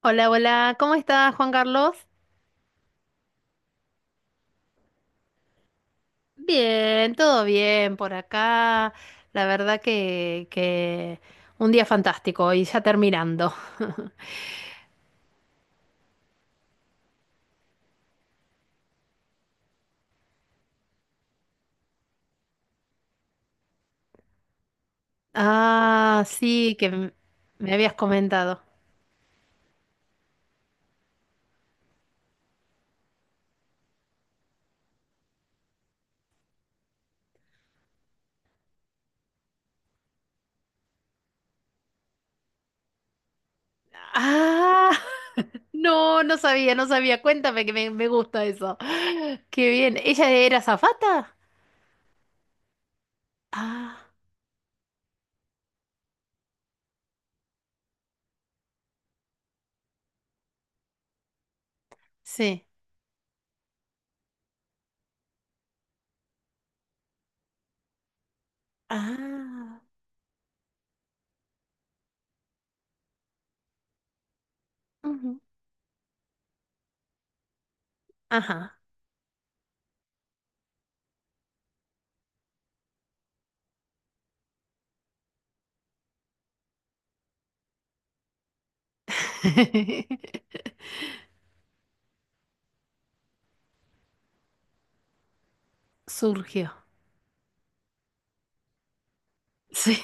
Hola, hola, ¿cómo estás, Juan Carlos? Bien, todo bien por acá. La verdad que un día fantástico y ya terminando. Ah, sí, que me habías comentado. Ah, no, no sabía, no sabía. Cuéntame que me gusta eso. Qué bien. ¿Ella era azafata? Ah, sí. Ah, ujú. Ajá. Surgió. Sí.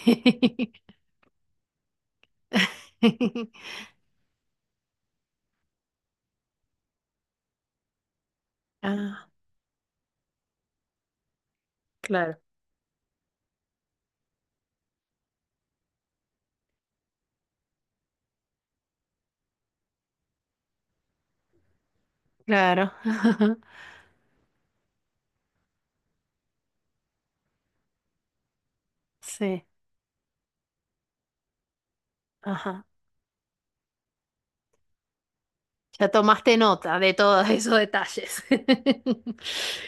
Ah. Claro. Claro. Sí. Ajá. Ya tomaste nota de todos esos detalles.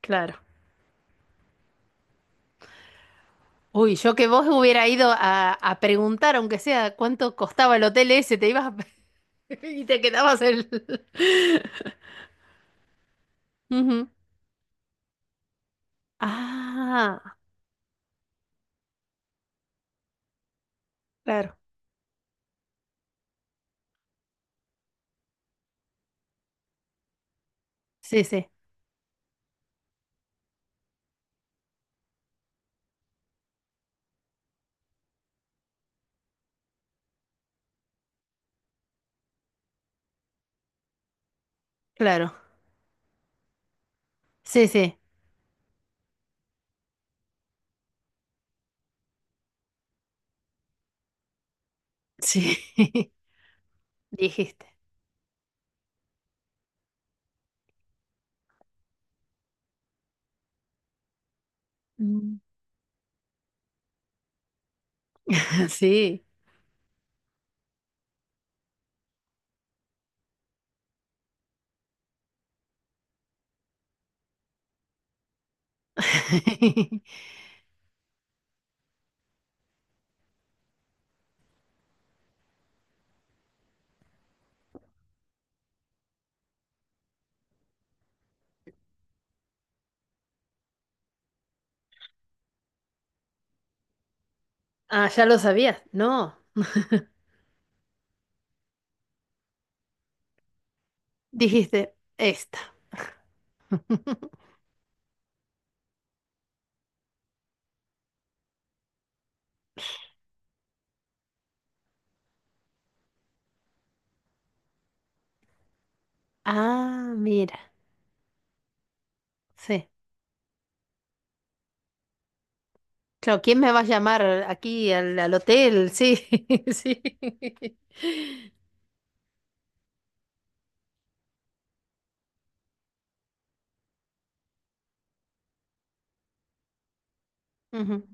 Claro. Uy, yo que vos hubiera ido a preguntar, aunque sea cuánto costaba el hotel ese, te ibas y te quedabas el ujú. Ah, claro. Sí, sí, claro. Sí, sí, sí. Dijiste. Mm. Sí. Ah, ya lo sabías. No, dijiste esta. Ah, mira, sí. Claro, ¿quién me va a llamar aquí al hotel? Sí, sí. Ujú.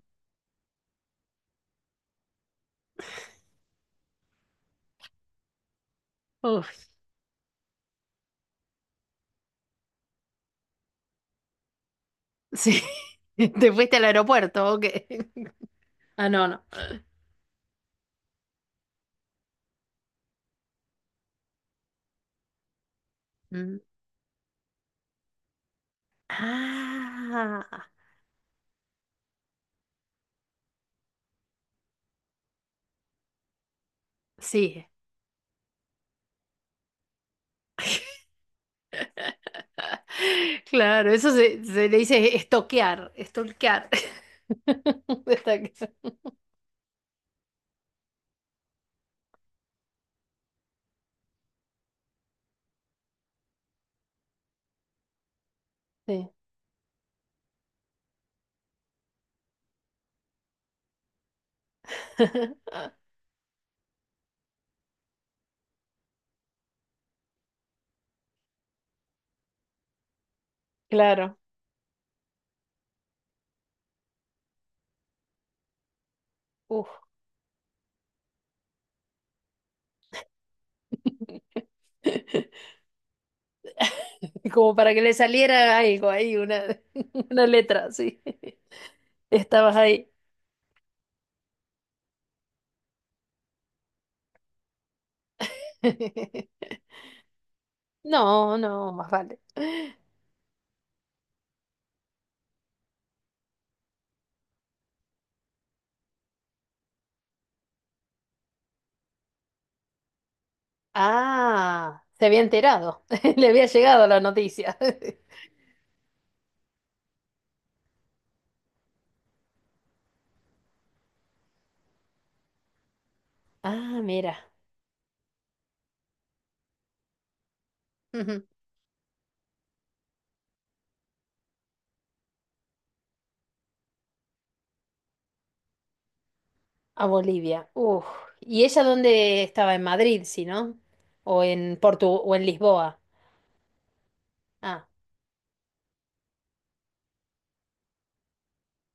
Uf, sí. ¿Te fuiste al aeropuerto? Ok. Ah, no, no. Mm. Ah, sí. Claro, eso se le dice estoquear, estoquear. Estoquear. Sí. Claro. Uf. Como para que le saliera algo ahí, una, una, letra, sí. Estabas ahí. No, no, más vale. Ah, se había enterado. Le había llegado la noticia. Ah, mira. Ujú. A Bolivia. Uf. ¿Y ella dónde estaba? ¿En Madrid, si no? ¿O en Portu o en Lisboa? Ah,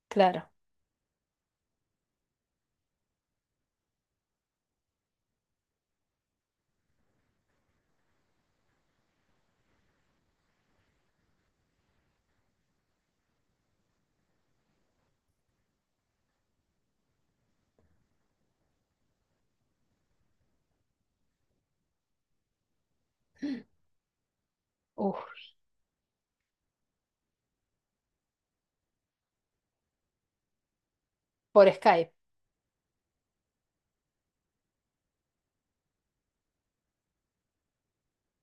claro. Uf, por Skype.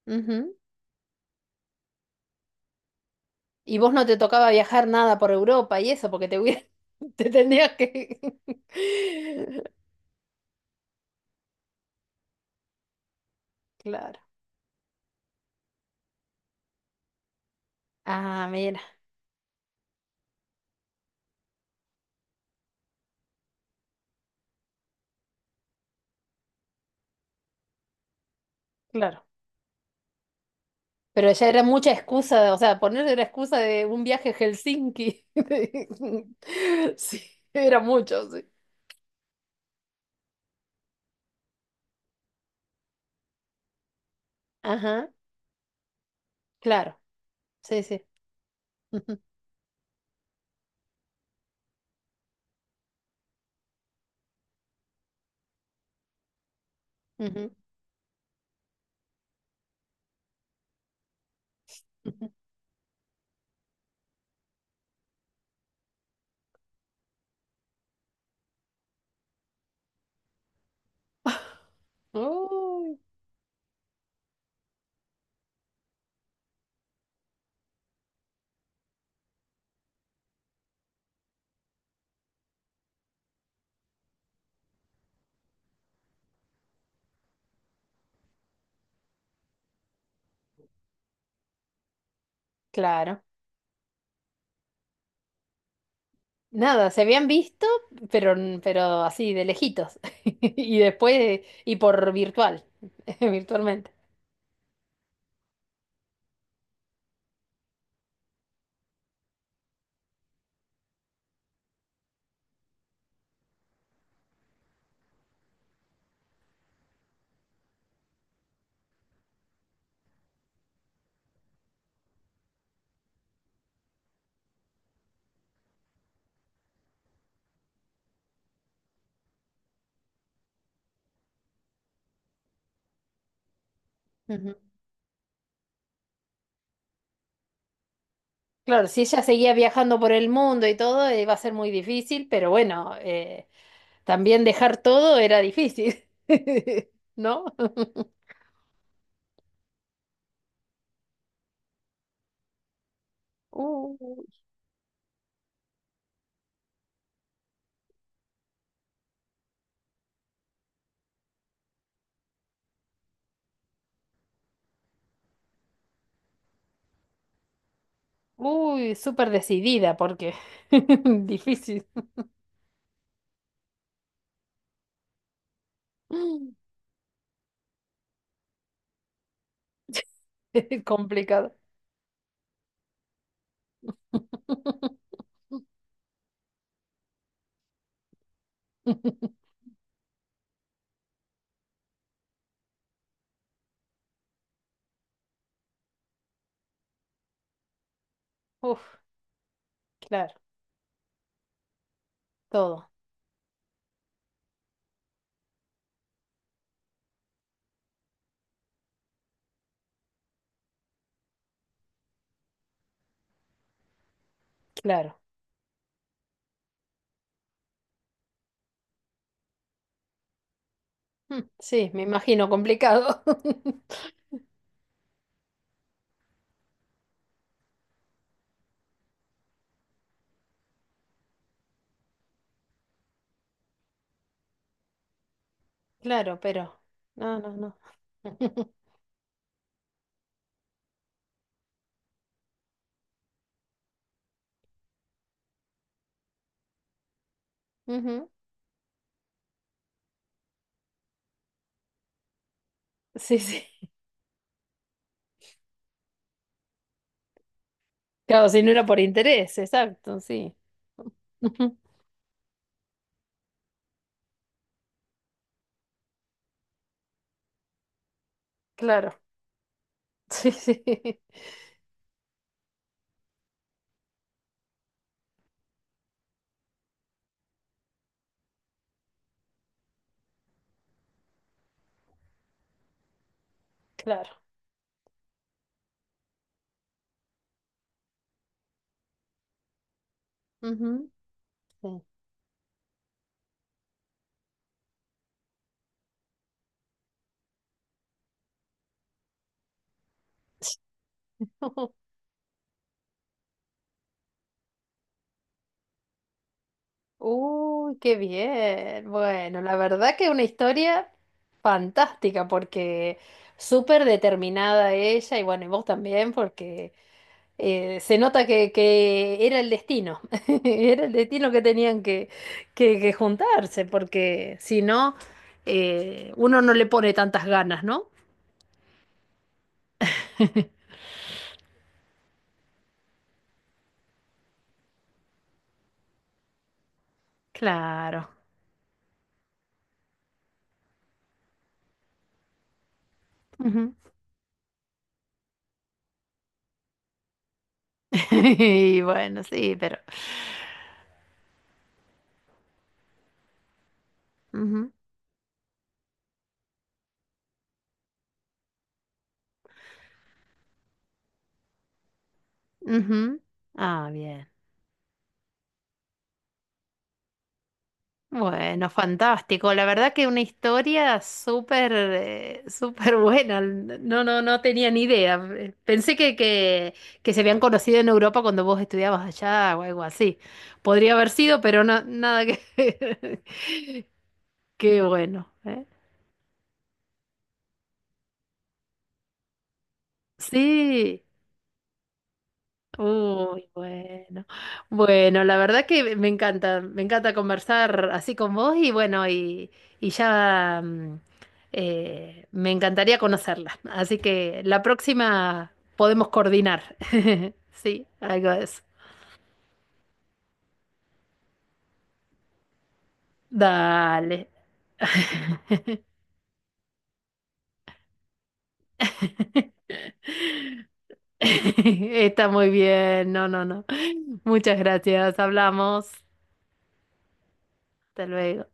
Ujú. ¿Y vos no te tocaba viajar nada por Europa y eso? Porque te hubiera te tendrías que claro. Ah, mira, claro. Pero ya era mucha excusa, o sea, ponerle la excusa de un viaje a Helsinki. Sí, era mucho, sí. Ajá, claro, sí, sí. Ujú, ujú, ujú. Uy, claro. Nada, se habían visto, pero, pero así, de lejitos. Y después, y por virtualmente. Ujú. Claro, si ella seguía viajando por el mundo y todo, iba a ser muy difícil, pero bueno, también dejar todo era difícil, ¿no? Uh, Uy, súper decidida porque difícil, complicado. Uf, claro, todo, claro. Mm, sí, me imagino complicado. Claro, pero no, no, no. Ujú, sí, sí. Claro, si no era por interés, exacto, sí. Ujú, claro, sí, sí, claro. Ujú, sí. Uy, qué bien. Bueno, la verdad que una historia fantástica porque súper determinada ella y bueno, y vos también porque se nota que era el destino, era el destino que tenían que juntarse porque si no, uno no le pone tantas ganas, ¿no? Claro. Ujú. Y bueno, sí, ujú, ujú. Ah, bien. Bueno, fantástico. La verdad que una historia súper buena. No, no, no tenía ni idea. Pensé que, que se habían conocido en Europa cuando vos estudiabas allá o algo así. Podría haber sido, pero no, nada que ver. Qué bueno, ¿eh? Sí. Uy, bueno. Bueno, la verdad que me encanta conversar así con vos y bueno, y ya me encantaría conocerla. Así que la próxima podemos coordinar. Sí, algo de eso. Dale. Está muy bien. No, no, no. Muchas gracias. Hablamos. Hasta luego.